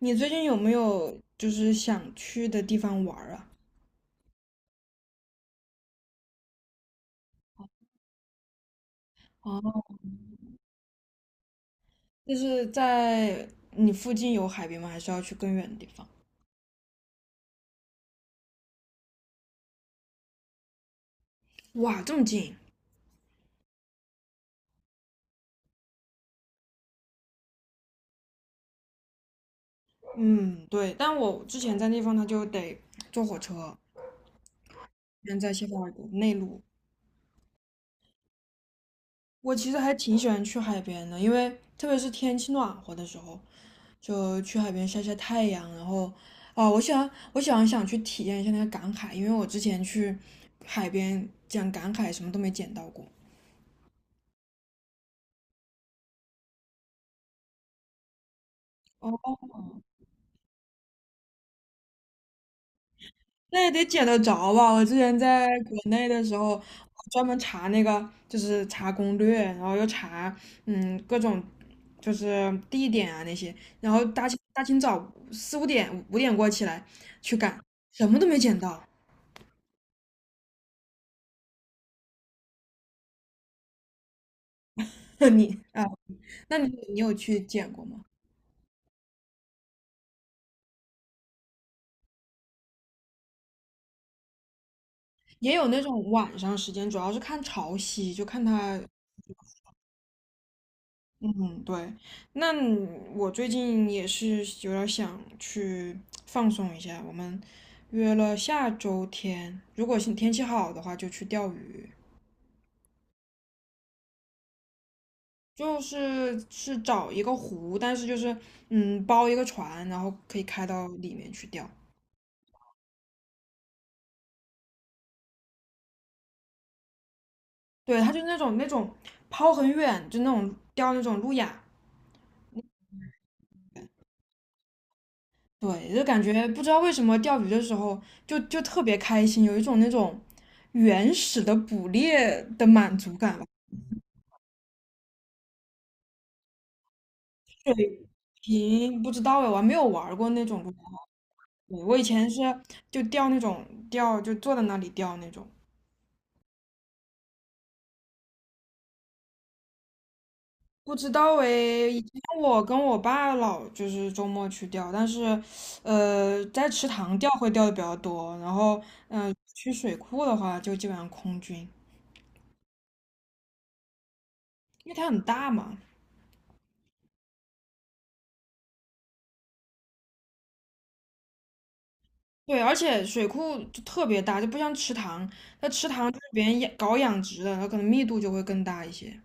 你最近有没有就是想去的地方玩儿啊？哦，就是在你附近有海边吗？还是要去更远的地方？哇，这么近？嗯，对。但我之前在那地方，他就得坐火车，现在谢菲尔德内陆。我其实还挺喜欢去海边的，因为特别是天气暖和的时候，就去海边晒晒太阳。然后，哦，我喜欢想去体验一下那个赶海，因为我之前去海边讲赶海什么都没捡到过。哦。那也得捡得着吧？我之前在国内的时候，我专门查那个，就是查攻略，然后又查，各种就是地点啊那些，然后大清早四五点五点过起来去赶，什么都没捡到。那你啊，那你有去捡过吗？也有那种晚上时间，主要是看潮汐，就看它。嗯，对，那你我最近也是有点儿想去放松一下。我们约了下周天，如果是天气好的话，就去钓鱼。就是找一个湖，但是就是包一个船，然后可以开到里面去钓。对，它就是那种抛很远，就那种钓那种路亚。对，就感觉不知道为什么钓鱼的时候就特别开心，有一种那种原始的捕猎的满足感吧。平不知道哎，我还没有玩儿过那种龙猫。对，我以前是就钓那种钓，就坐在那里钓那种。不知道哎，以前我跟我爸老就是周末去钓，但是，在池塘钓会钓的比较多，然后，嗯、去水库的话就基本上空军，因为它很大嘛。对，而且水库就特别大，就不像池塘，那池塘就是别人养搞养殖的，它可能密度就会更大一些。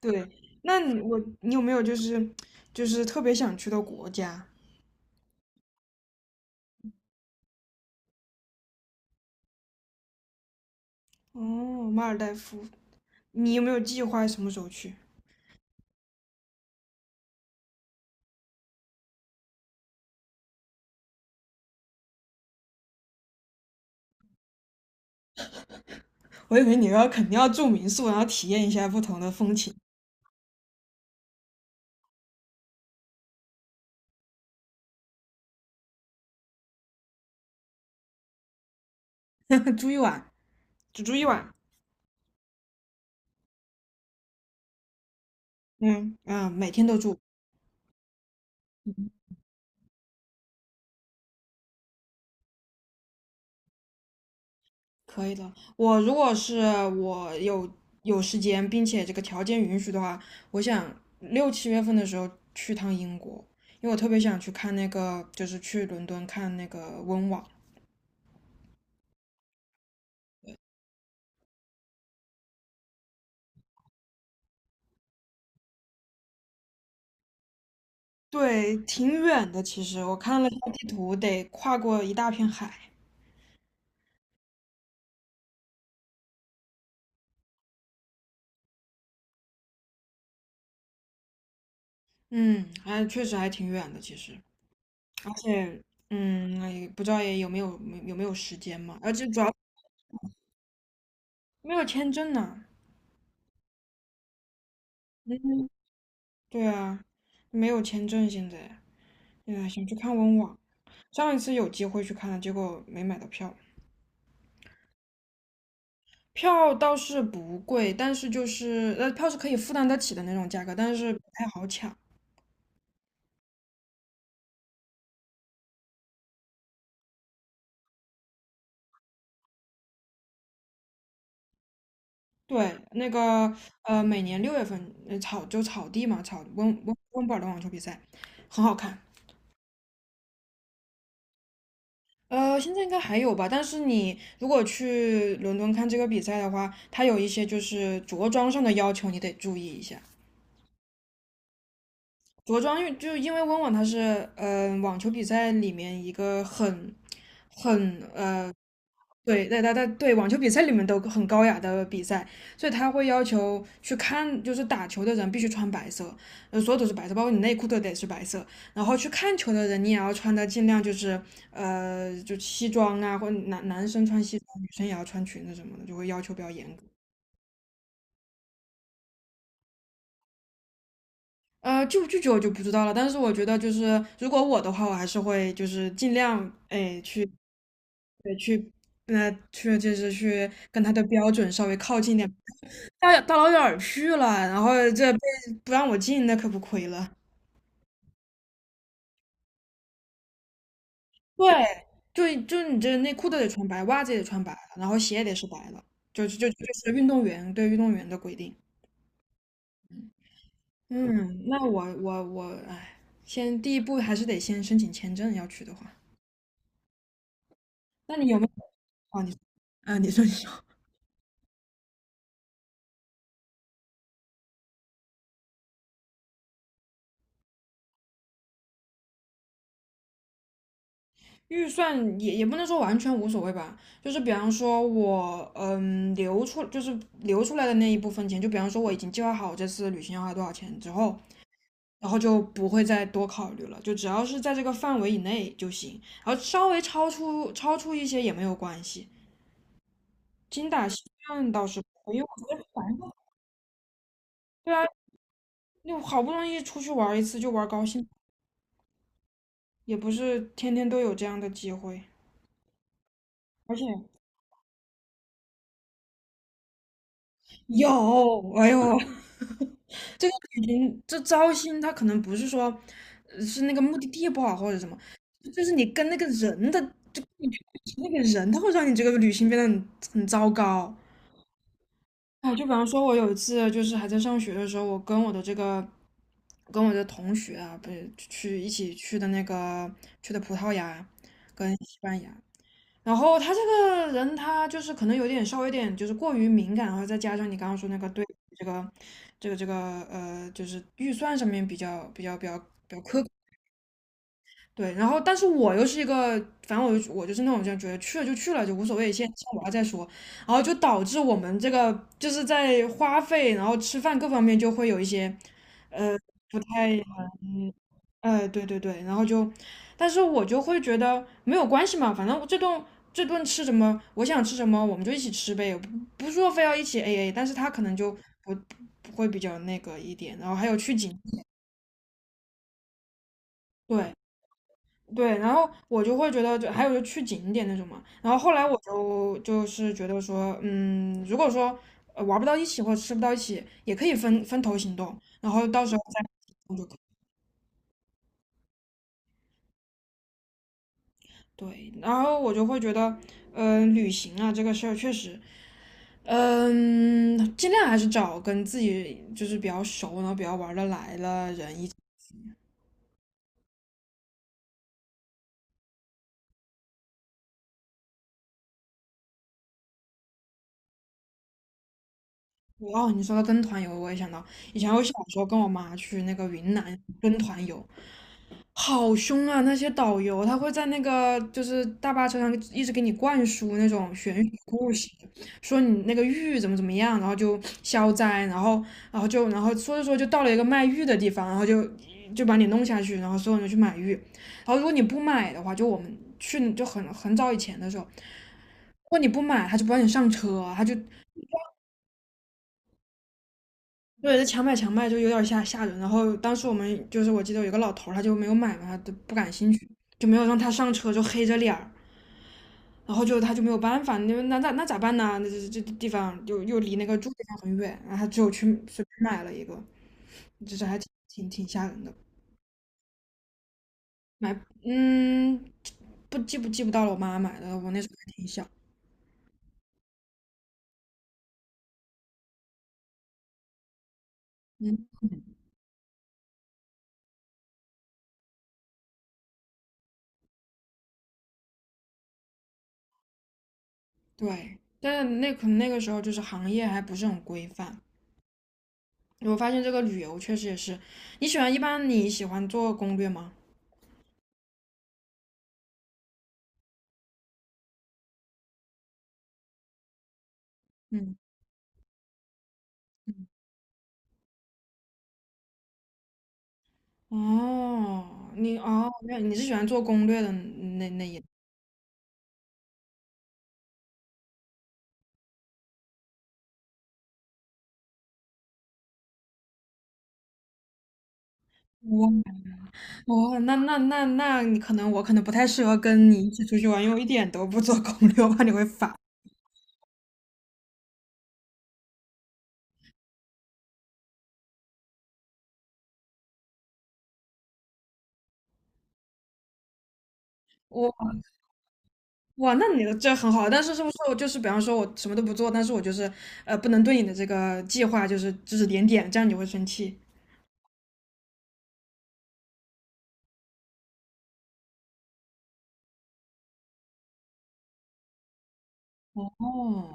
对，那你我你有没有就是就是特别想去的国家？哦，马尔代夫，你有没有计划什么时候去？我以为你要肯定要住民宿，然后体验一下不同的风情，住一晚，只住一晚。嗯嗯，每天都住，可以的。我如果是我有有时间，并且这个条件允许的话，我想六七月份的时候去趟英国，因为我特别想去看那个，就是去伦敦看那个温网。对，挺远的。其实我看了一下地图，得跨过一大片海。嗯，还确实还挺远的。其实，而且，嗯，哎不知道也有没有有没有时间嘛？而且主要没有签证呢。嗯，对啊，没有签证现在。哎，想去看温网，上一次有机会去看了，结果没买到票。票倒是不贵，但是就是票是可以负担得起的那种价格，但是不太好抢。对，那个每年六月份草就草地嘛，草温布尔的网球比赛很好看。现在应该还有吧，但是你如果去伦敦看这个比赛的话，它有一些就是着装上的要求，你得注意一下。着装因为就因为温网它是网球比赛里面一个很对，对，他他对网球比赛里面都很高雅的比赛，所以他会要求去看，就是打球的人必须穿白色，所有都是白色，包括你内裤都得是白色。然后去看球的人，你也要穿的尽量就是就西装啊，或者男男生穿西装，女生也要穿裙子什么的，就会要求比较严格。拒不拒绝我就不知道了，但是我觉得就是如果我的话，我还是会就是尽量哎去对去，那、去就是去跟他的标准稍微靠近一点。大老远儿去了，然后这被不让我进，那可不亏了。对，就就你这内裤都得穿白，袜子也得穿白了然后鞋也得是白的，就就就是运动员对运动员的规定。嗯，那我，哎，先第一步还是得先申请签证，要去的话。那你有没有？啊你啊，你说，预算也也不能说完全无所谓吧，就是比方说我留出就是留出来的那一部分钱，就比方说我已经计划好这次旅行要花多少钱之后，然后就不会再多考虑了，就只要是在这个范围以内就行，然后稍微超出一些也没有关系。精打细算倒是不会，因为我觉得烦就对啊，你好不容易出去玩一次就玩高兴，也不是天天都有这样的机会。而且有，哎呦，这个旅行这糟心，它可能不是说是那个目的地不好或者什么，就是你跟那个人的，就你那个人，他会让你这个旅行变得很糟糕。哎，就比方说，我有一次就是还在上学的时候，我跟我的这个跟我的同学啊，不是去一起去的那个去的葡萄牙跟西班牙。然后他这个人，他就是可能有点稍微有点就是过于敏感，然后再加上你刚刚说那个对这个这个就是预算上面比较苛。对，然后但是我又是一个，反正我就我就是那种就觉得去了就去了，就无所谓，先先玩了再说，然后就导致我们这个就是在花费，然后吃饭各方面就会有一些不太，对对对，然后就，但是我就会觉得没有关系嘛，反正这顿吃什么，我想吃什么我们就一起吃呗，不不是说非要一起 AA,但是他可能就不不会比较那个一点，然后还有去景，对，对，然后我就会觉得就，还有就去景点那种嘛。然后后来我是觉得说，嗯，如果说玩不到一起或者吃不到一起，也可以分分头行动，然后到时候再就可以对。然后我就会觉得，嗯、旅行啊这个事儿确实，嗯、尽量还是找跟自己就是比较熟，然后比较玩得来的人一起。哦，你说到跟团游，我也想到以前我小时候跟我妈去那个云南跟团游，好凶啊！那些导游他会在那个就是大巴车上一直给你灌输那种玄学故事，说你那个玉怎么怎么样，然后就消灾，然后然后就然后说着说着就到了一个卖玉的地方，然后就就把你弄下去，然后所有人就去买玉，然后如果你不买的话，就我们去就很早以前的时候，如果你不买，他就不让你上车，他就对，这强买强卖就有点吓人。然后当时我们就是我记得有一个老头儿，他就没有买嘛，他就不感兴趣，就没有让他上车，就黑着脸儿。然后就他就没有办法，那咋办呢？那这这地方又又离那个住的地方很远，然后他只有去随便买了一个，就是还挺吓人的。买嗯，不到了，我妈买的，我那时候还挺小。对，但是那可能那个时候就是行业还不是很规范。我发现这个旅游确实也是，你喜欢一般你喜欢做攻略吗？嗯，哦，你哦，原来你是喜欢做攻略的那那一。哦，那你可能我可能不太适合跟你一起出去玩，因为我一点都不做攻略，我怕你会烦。我哇，那你的这很好，但是是不是我就是比方说我什么都不做，但是我就是不能对你的这个计划就是指指点点，这样你会生气。哦，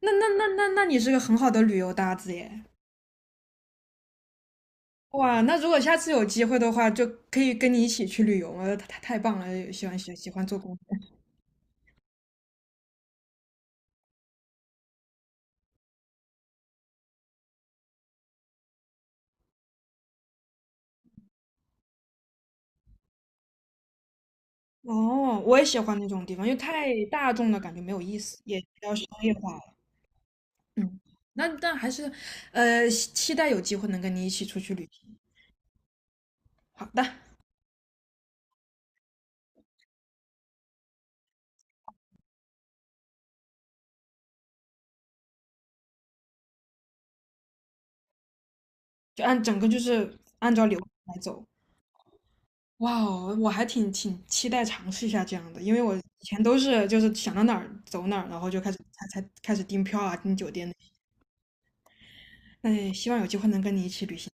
那你是个很好的旅游搭子耶。哇，那如果下次有机会的话，就可以跟你一起去旅游了，太棒了，喜欢喜欢做攻略。哦，我也喜欢那种地方，因为太大众了，感觉没有意思，也比较商业化。嗯，那但还是，期待有机会能跟你一起出去旅行。好的，就按整个就是按照流程来走。哇哦，我还挺期待尝试一下这样的，因为我以前都是就是想到哪儿走哪儿，然后就开始才开始订票啊、订酒店那些。那也希望有机会能跟你一起旅行。